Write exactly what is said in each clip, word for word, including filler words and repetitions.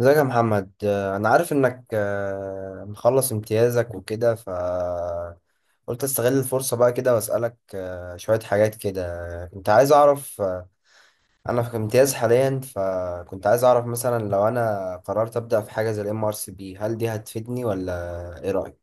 ازيك يا محمد، آه، انا عارف انك، آه، مخلص امتيازك وكده. ف قلت استغل الفرصة بقى كده واسألك آه، شوية حاجات كده. كنت عايز اعرف، آه، انا في امتياز حاليا، فكنت عايز اعرف مثلا لو انا قررت ابدأ في حاجة زي الام ار سي بي، هل دي هتفيدني ولا ايه رأيك؟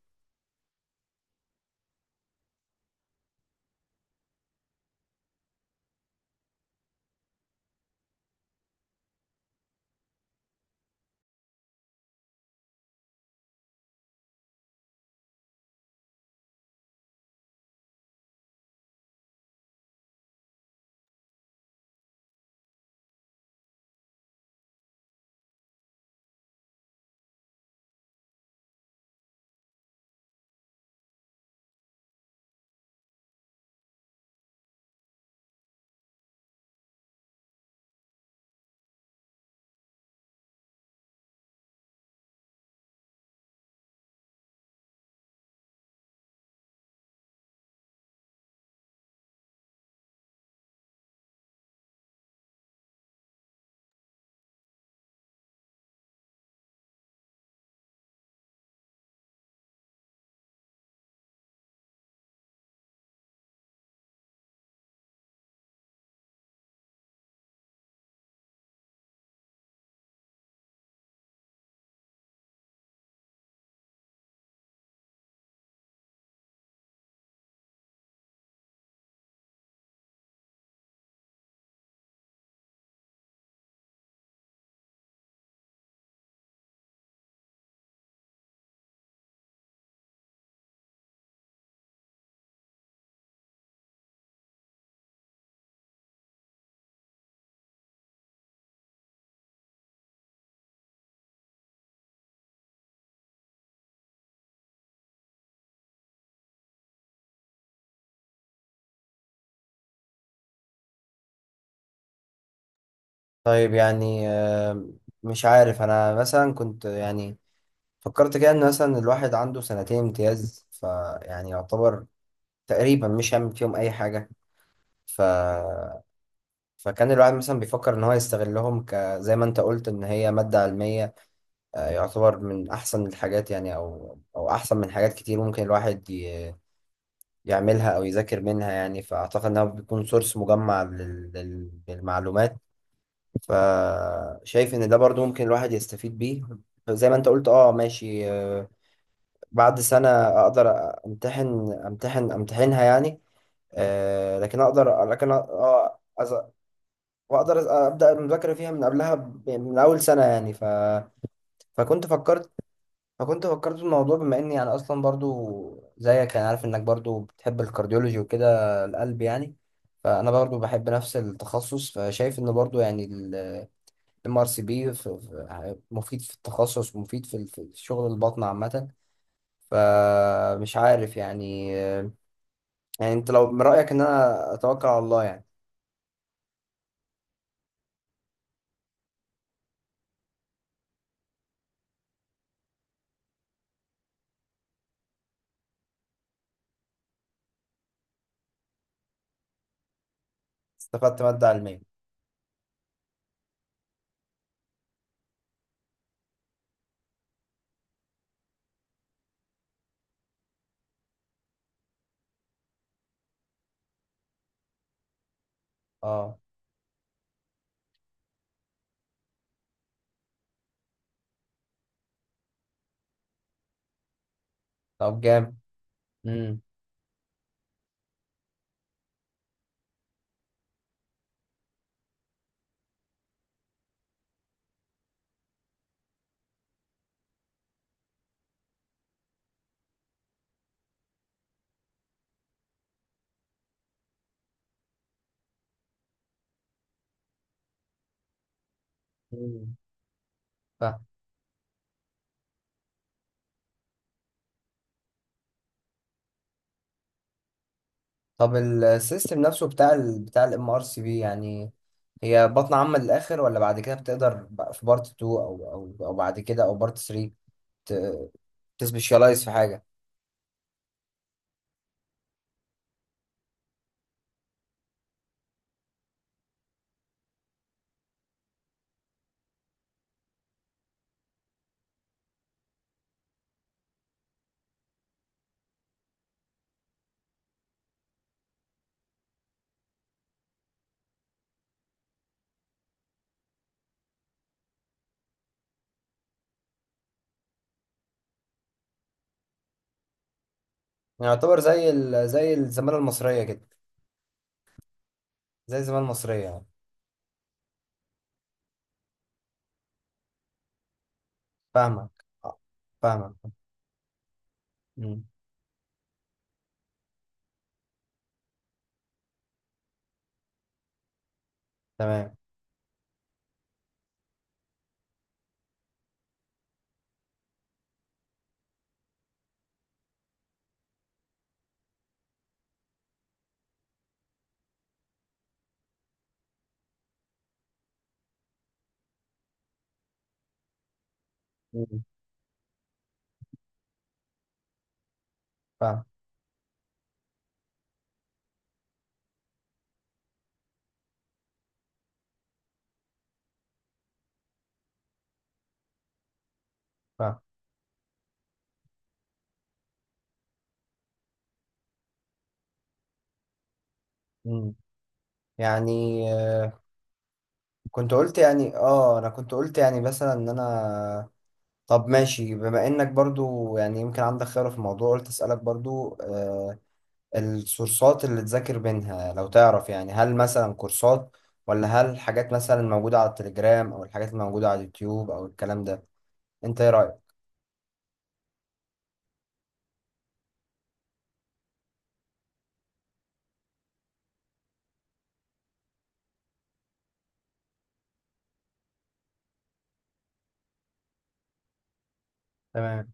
طيب يعني، آه، مش عارف، انا مثلا كنت يعني فكرت كده ان مثلا الواحد عنده سنتين امتياز، فيعني يعتبر تقريبا مش هيعمل فيهم اي حاجة. ف فكان الواحد مثلا بيفكر ان هو يستغلهم ك، زي ما انت قلت ان هي مادة علمية، آه، يعتبر من احسن الحاجات يعني، او او احسن من حاجات كتير ممكن الواحد ي- يعملها او يذاكر منها يعني، فاعتقد انها بيكون سورس مجمع لل- لل- للمعلومات. فشايف ان ده برضو ممكن الواحد يستفيد بيه، زي ما انت قلت. اه ماشي، آه، بعد سنة اقدر امتحن امتحن امتحنها يعني، آه، لكن اقدر، لكن أ- آه، أز- واقدر أز- ابدا المذاكره فيها من قبلها ب- يعني من اول سنه يعني. ف... فكنت فكرت فكنت فكرت في الموضوع، بما اني يعني اصلا برضو زيك يعني، عارف انك برضو بتحب الكارديولوجي وكده، القلب يعني. فانا برضو بحب نفس التخصص، فشايف ان برضو يعني الام ار سي بي مفيد في التخصص، ومفيد في ال- في شغل البطن عامه. فمش عارف يعني، يعني انت لو من رايك ان انا اتوكل على الله يعني. استفدت ماده علميه. اه. طب جامد. امم. فاهم. طب السيستم نفسه بتاع ال بتاع الام ار سي بي يعني، هي بطن عامه للاخر، ولا بعد كده بتقدر بقى في بارت اتنين او او او بعد كده او بارت تلاتة تسبيشالايز في حاجه؟ يعني يعتبر زي ال زي الزماله المصريه كده. زي الزماله المصريه يعني. فاهمك، آه، فاهمك. مم. تمام. مم. فاهم. فاهم. مم. يعني، آه، كنت قلت يعني، اه انا كنت قلت يعني مثلا ان انا، طب ماشي بما انك برضو يعني يمكن عندك خبرة في الموضوع، قلت اسألك برضو آه، السورسات اللي تذاكر منها لو تعرف يعني، هل مثلا كورسات، ولا هل حاجات مثلا موجودة على التليجرام، او الحاجات الموجودة على اليوتيوب او الكلام ده. انت ايه رأيك؟ تمام.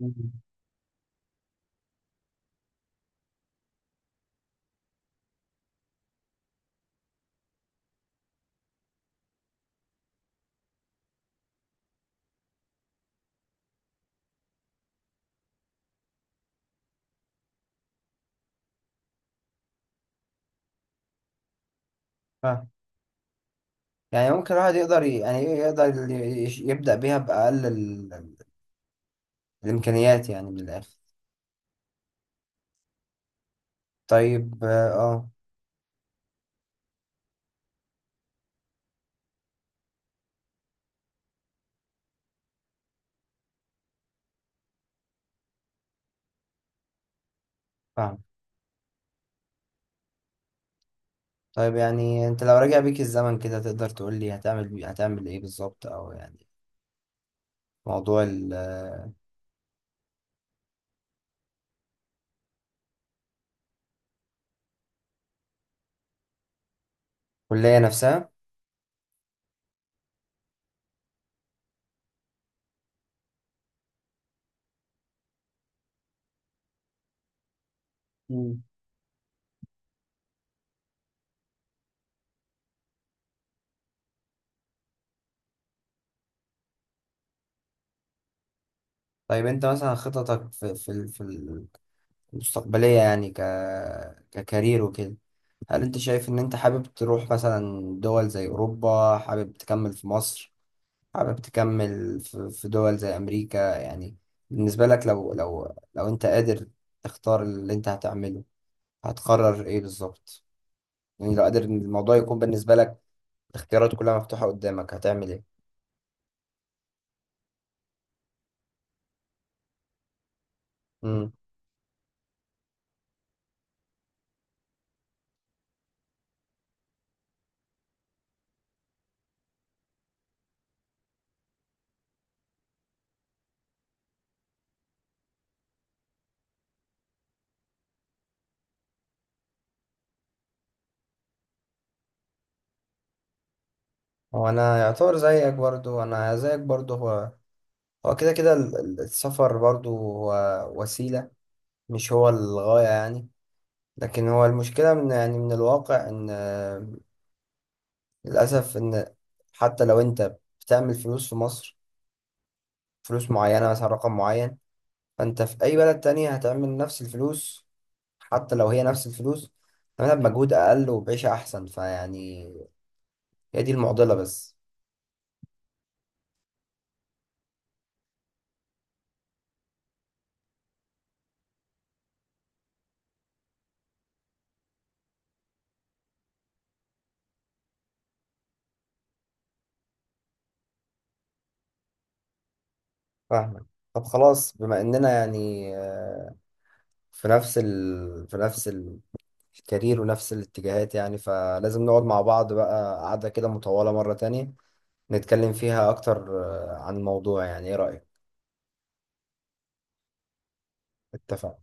مم. فاهم. يعني ممكن الواحد يقدر ي- يعني إيه، يقدر ي- يش- يبدأ بيها بأقل ال- الإمكانيات يعني، من الآخر. طيب اه، آه، فاهم. طيب يعني انت لو رجع بيك الزمن كده، تقدر تقول لي هتعمل بي- هتعمل ايه بالظبط، او يعني موضوع ال- الكلية نفسها. مم. طيب انت مثلا خططك في في ال- في المستقبلية يعني، ك ككارير وكده، هل انت شايف ان انت حابب تروح مثلا دول زي اوروبا، حابب تكمل في مصر، حابب تكمل في في دول زي امريكا يعني، بالنسبة لك، لو لو لو انت قادر تختار اللي انت هتعمله، هتقرر ايه بالظبط؟ يعني لو قادر ان الموضوع يكون بالنسبة لك الاختيارات كلها مفتوحة قدامك، هتعمل ايه؟ هو انا يعتبر زيك برضو، انا زيك برضو هو هو كده كده ال- ال- السفر برضو هو وسيلة، مش هو الغاية يعني. لكن هو المشكلة من يعني من الواقع ان، آه، للأسف ان حتى لو انت بتعمل فلوس في مصر، فلوس معينة، مثلا رقم معين، فانت في اي بلد تانية هتعمل نفس الفلوس. حتى لو هي نفس الفلوس، هتعملها بمجهود اقل وبعيشة احسن، فيعني هي دي المعضلة بس. فاهمك. طب خلاص، بما اننا يعني في نفس ال... في نفس ال- الكارير ونفس الاتجاهات يعني، فلازم نقعد مع بعض بقى قعدة كده مطولة مرة تانية نتكلم فيها أكتر، آه، عن الموضوع يعني. إيه رأيك؟ اتفق.